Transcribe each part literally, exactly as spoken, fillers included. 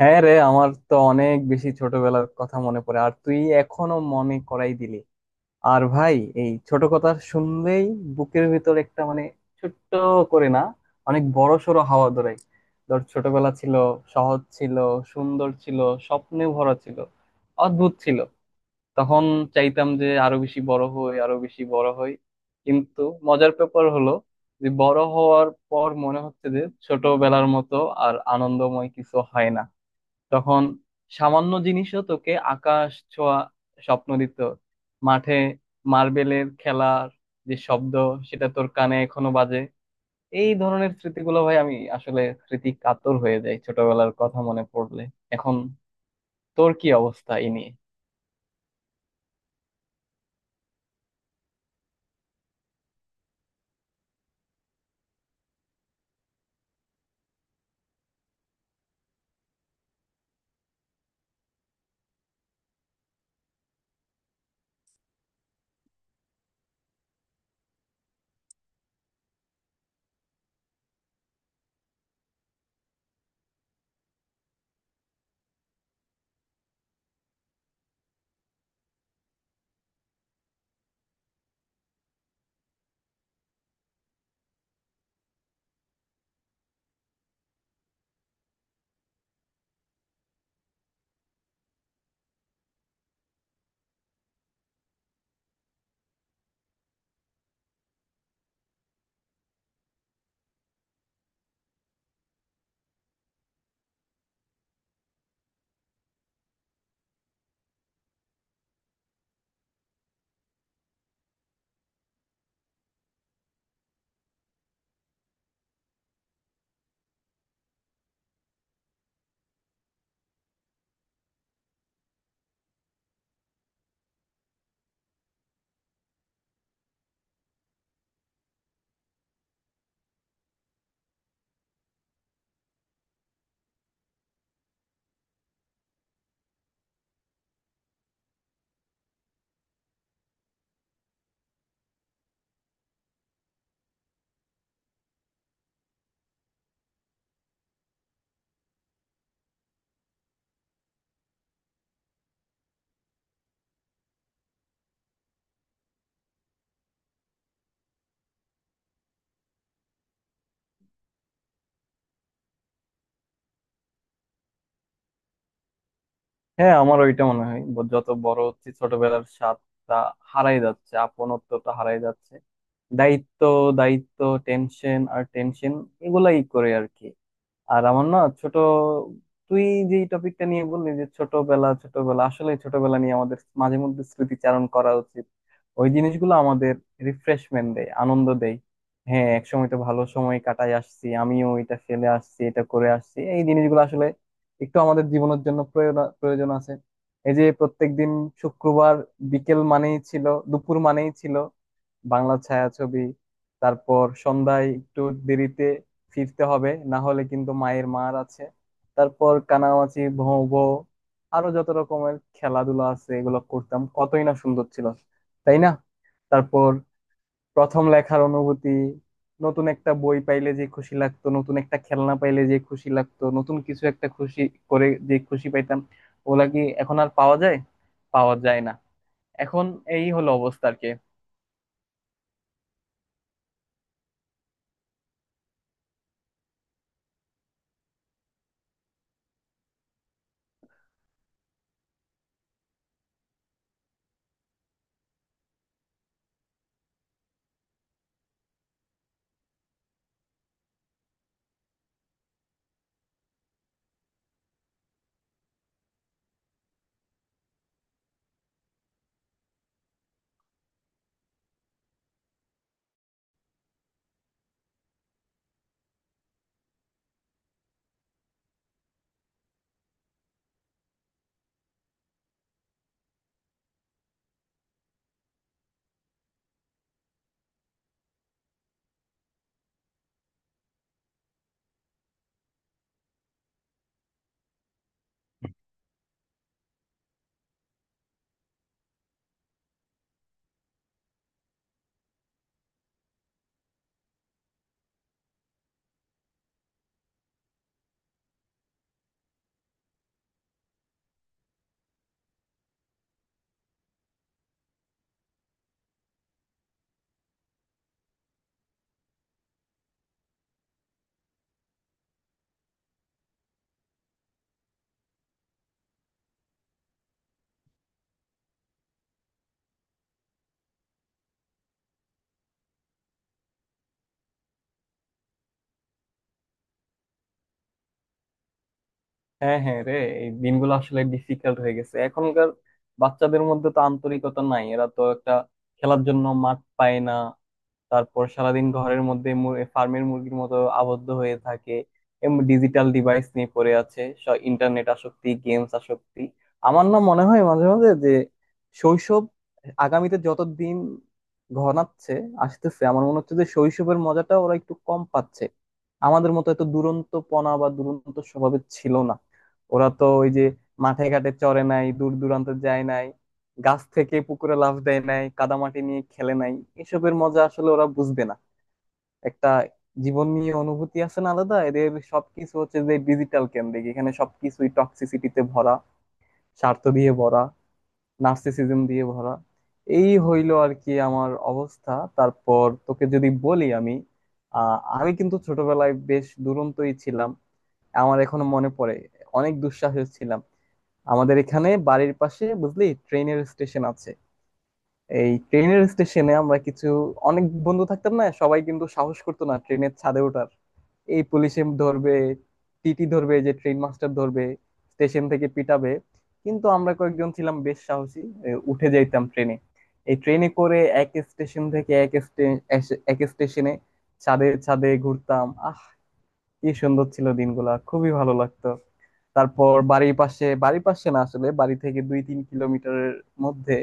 হ্যাঁ রে, আমার তো অনেক বেশি ছোটবেলার কথা মনে পড়ে, আর তুই এখনো মনে করাই দিলি। আর ভাই, এই ছোট কথা শুনলেই বুকের ভিতর একটা মানে ছোট্ট করে না, অনেক বড় সড়ো হাওয়া ধরে। ধর, ছোটবেলা ছিল সহজ, ছিল সুন্দর, ছিল স্বপ্নে ভরা, ছিল অদ্ভুত। ছিল তখন, চাইতাম যে আরো বেশি বড় হই, আরো বেশি বড় হই। কিন্তু মজার ব্যাপার হলো, যে বড় হওয়ার পর মনে হচ্ছে যে ছোটবেলার মতো আর আনন্দময় কিছু হয় না। তখন সামান্য জিনিসও তোকে আকাশ ছোঁয়া স্বপ্ন দিত। মাঠে মার্বেলের খেলার যে শব্দ, সেটা তোর কানে এখনো বাজে। এই ধরনের স্মৃতিগুলো, ভাই, আমি আসলে স্মৃতি কাতর হয়ে যাই ছোটবেলার কথা মনে পড়লে। এখন তোর কি অবস্থা এই নিয়ে? হ্যাঁ, আমার ওইটা মনে হয়, ব- যত বড় হচ্ছে ছোটবেলার স্বাদটা হারাই যাচ্ছে, আপনত্বটা হারাই যাচ্ছে। দায়িত্ব, দায়িত্ব, টেনশন আর টেনশন, এগুলাই করে আর কি। আর আমার না ছোট, তুই যে টপিকটা নিয়ে বললি যে ছোটবেলা, ছোটবেলা আসলে ছোটবেলা নিয়ে আমাদের মাঝে মধ্যে স্মৃতিচারণ করা উচিত। ওই জিনিসগুলো আমাদের রিফ্রেশমেন্ট দেয়, আনন্দ দেয়। হ্যাঁ, একসময় তো ভালো সময় কাটাই আসছি, আমিও এটা ফেলে আসছি, এটা করে আসছি। এই জিনিসগুলো আসলে একটু আমাদের জীবনের জন্য প্রয়োজন, প্রয়োজন আছে। এই যে প্রত্যেকদিন শুক্রবার বিকেল মানেই ছিল, দুপুর মানেই ছিল বাংলা ছায়াছবি। তারপর সন্ধ্যায় একটু দেরিতে ফিরতে হবে, না হলে কিন্তু মায়ের মার আছে। তারপর কানামাছি ভোঁ ভোঁ, আরো যত রকমের খেলাধুলা আছে এগুলো করতাম। কতই না সুন্দর ছিল, তাই না? তারপর প্রথম লেখার অনুভূতি, নতুন একটা বই পাইলে যে খুশি লাগতো, নতুন একটা খেলনা পাইলে যে খুশি লাগতো, নতুন কিছু একটা খুশি করে যে খুশি পাইতাম। ওগুলা কি এখন আর পাওয়া যায়? পাওয়া যায় না। এখন এই হলো অবস্থা আর কি। হ্যাঁ, হ্যাঁ রে, এই দিনগুলো আসলে ডিফিকাল্ট হয়ে গেছে। এখনকার বাচ্চাদের মধ্যে তো আন্তরিকতা নাই। এরা তো একটা খেলার জন্য মাঠ পায় না। তারপর সারাদিন ঘরের মধ্যে মুর- ফার্মের মুরগির মতো আবদ্ধ হয়ে থাকে। ডিজিটাল ডিভাইস নিয়ে পড়ে আছে, ইন্টারনেট আসক্তি, গেমস আসক্তি। আমার না মনে হয় মাঝে মাঝে যে শৈশব আগামীতে যত দিন ঘনাচ্ছে, আসতেছে, আমার মনে হচ্ছে যে শৈশবের মজাটা ওরা একটু কম পাচ্ছে। আমাদের মতো এত দুরন্তপনা বা দুরন্ত স্বভাবের ছিল না। ওরা তো ওই যে মাঠে ঘাটে চড়ে নাই, দূর দূরান্তে যায় নাই, গাছ থেকে পুকুরে লাফ দেয় নাই, কাদামাটি নিয়ে খেলে নাই। এসবের মজা আসলে ওরা বুঝবে না। একটা জীবন নিয়ে অনুভূতি আছে না আলাদা এদের। সবকিছু হচ্ছে যে ডিজিটাল কেন্দ্রিক, এখানে সবকিছুই টক্সিসিটিতে ভরা, স্বার্থ দিয়ে ভরা, নার্সিসিজম দিয়ে ভরা। এই হইলো আর কি আমার অবস্থা। তারপর তোকে যদি বলি আমি, আহ, আমি কিন্তু ছোটবেলায় বেশ দুরন্তই ছিলাম। আমার এখনো মনে পড়ে, অনেক দুঃসাহস ছিলাম। আমাদের এখানে বাড়ির পাশে, বুঝলি, ট্রেনের স্টেশন আছে। এই ট্রেনের স্টেশনে আমরা কিছু অনেক বন্ধু থাকতাম না, সবাই কিন্তু সাহস করতো না ট্রেনের ছাদে ওঠার। এই পুলিশে ধরবে, টিটি ধরবে, যে ট্রেন মাস্টার ধরবে, স্টেশন থেকে পিটাবে। কিন্তু আমরা কয়েকজন ছিলাম বেশ সাহসী। এ, উঠে যাইতাম ট্রেনে। এই ট্রেনে করে এক স্টেশন থেকে এক স্টে- এস- এক স্টেশনে ছাদে ছাদে ঘুরতাম। আহ, কি সুন্দর ছিল দিনগুলা, খুবই ভালো লাগতো। তারপর বাড়ির পাশে, বাড়ির পাশে না, আসলে বাড়ি থেকে দুই তিন কিলোমিটারের মধ্যে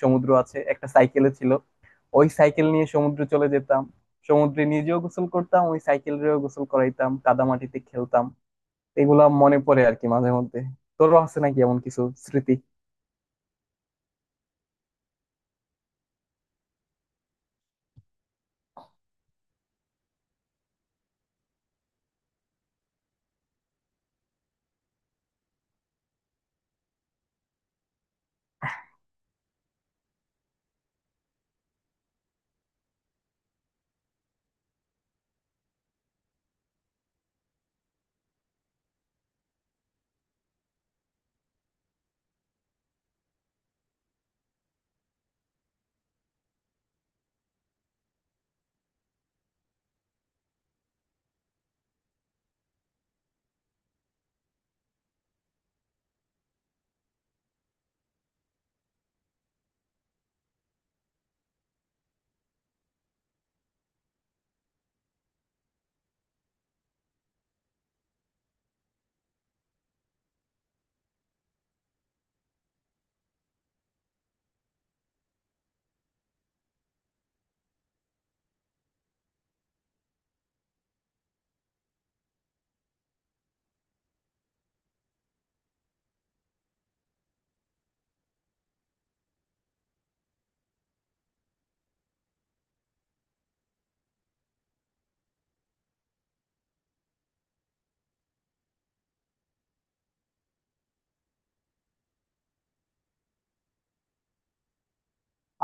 সমুদ্র আছে। একটা সাইকেলে ছিল, ওই সাইকেল নিয়ে সমুদ্রে চলে যেতাম। সমুদ্রে নিজেও গোসল করতাম, ওই সাইকেলেও গোসল করাইতাম, কাদামাটিতে খেলতাম। এগুলা মনে পড়ে আর কি মাঝে মধ্যে। তোরও আছে নাকি এমন কিছু স্মৃতি?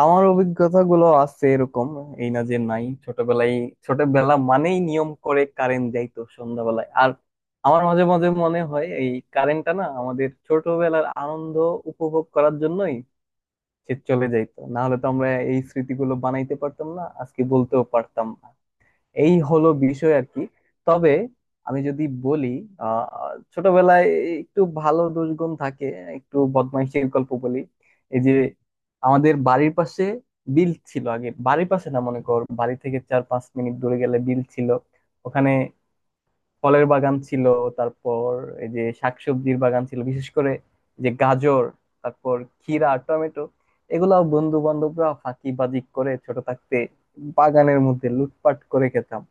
আমার অভিজ্ঞতা গুলো আছে এরকম, এই না যে নাই ছোটবেলায়। ছোটবেলা মানেই নিয়ম করে কারেন্ট যাইতো সন্ধ্যাবেলায়। আর আমার মাঝে মাঝে মনে হয়, এই কারেন্টটা না আমাদের ছোটবেলার আনন্দ উপভোগ করার জন্যই সে চলে যাইতো। না হলে তো আমরা এই স্মৃতিগুলো বানাইতে পারতাম না, আজকে বলতেও পারতাম না। এই হলো বিষয় আর কি। তবে আমি যদি বলি, আহ, ছোটবেলায় একটু ভালো দুষ্গুণ থাকে, একটু বদমাইশের গল্প বলি। এই যে আমাদের বাড়ির পাশে বিল ছিল, আগে বাড়ির পাশে না, মনে কর বাড়ি থেকে চার পাঁচ মিনিট দূরে গেলে বিল ছিল। ওখানে ফলের বাগান ছিল, তারপর এই যে শাকসবজির বাগান ছিল, বিশেষ করে যে গাজর, তারপর ক্ষীরা, টমেটো, এগুলা বন্ধু বান্ধবরা ফাঁকিবাজি করে ছোট থাকতে বাগানের মধ্যে লুটপাট করে খেতাম।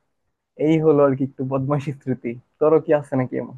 এই হলো আর কি একটু বদমাইশি স্মৃতি। তোরও কি আছে নাকি এমন?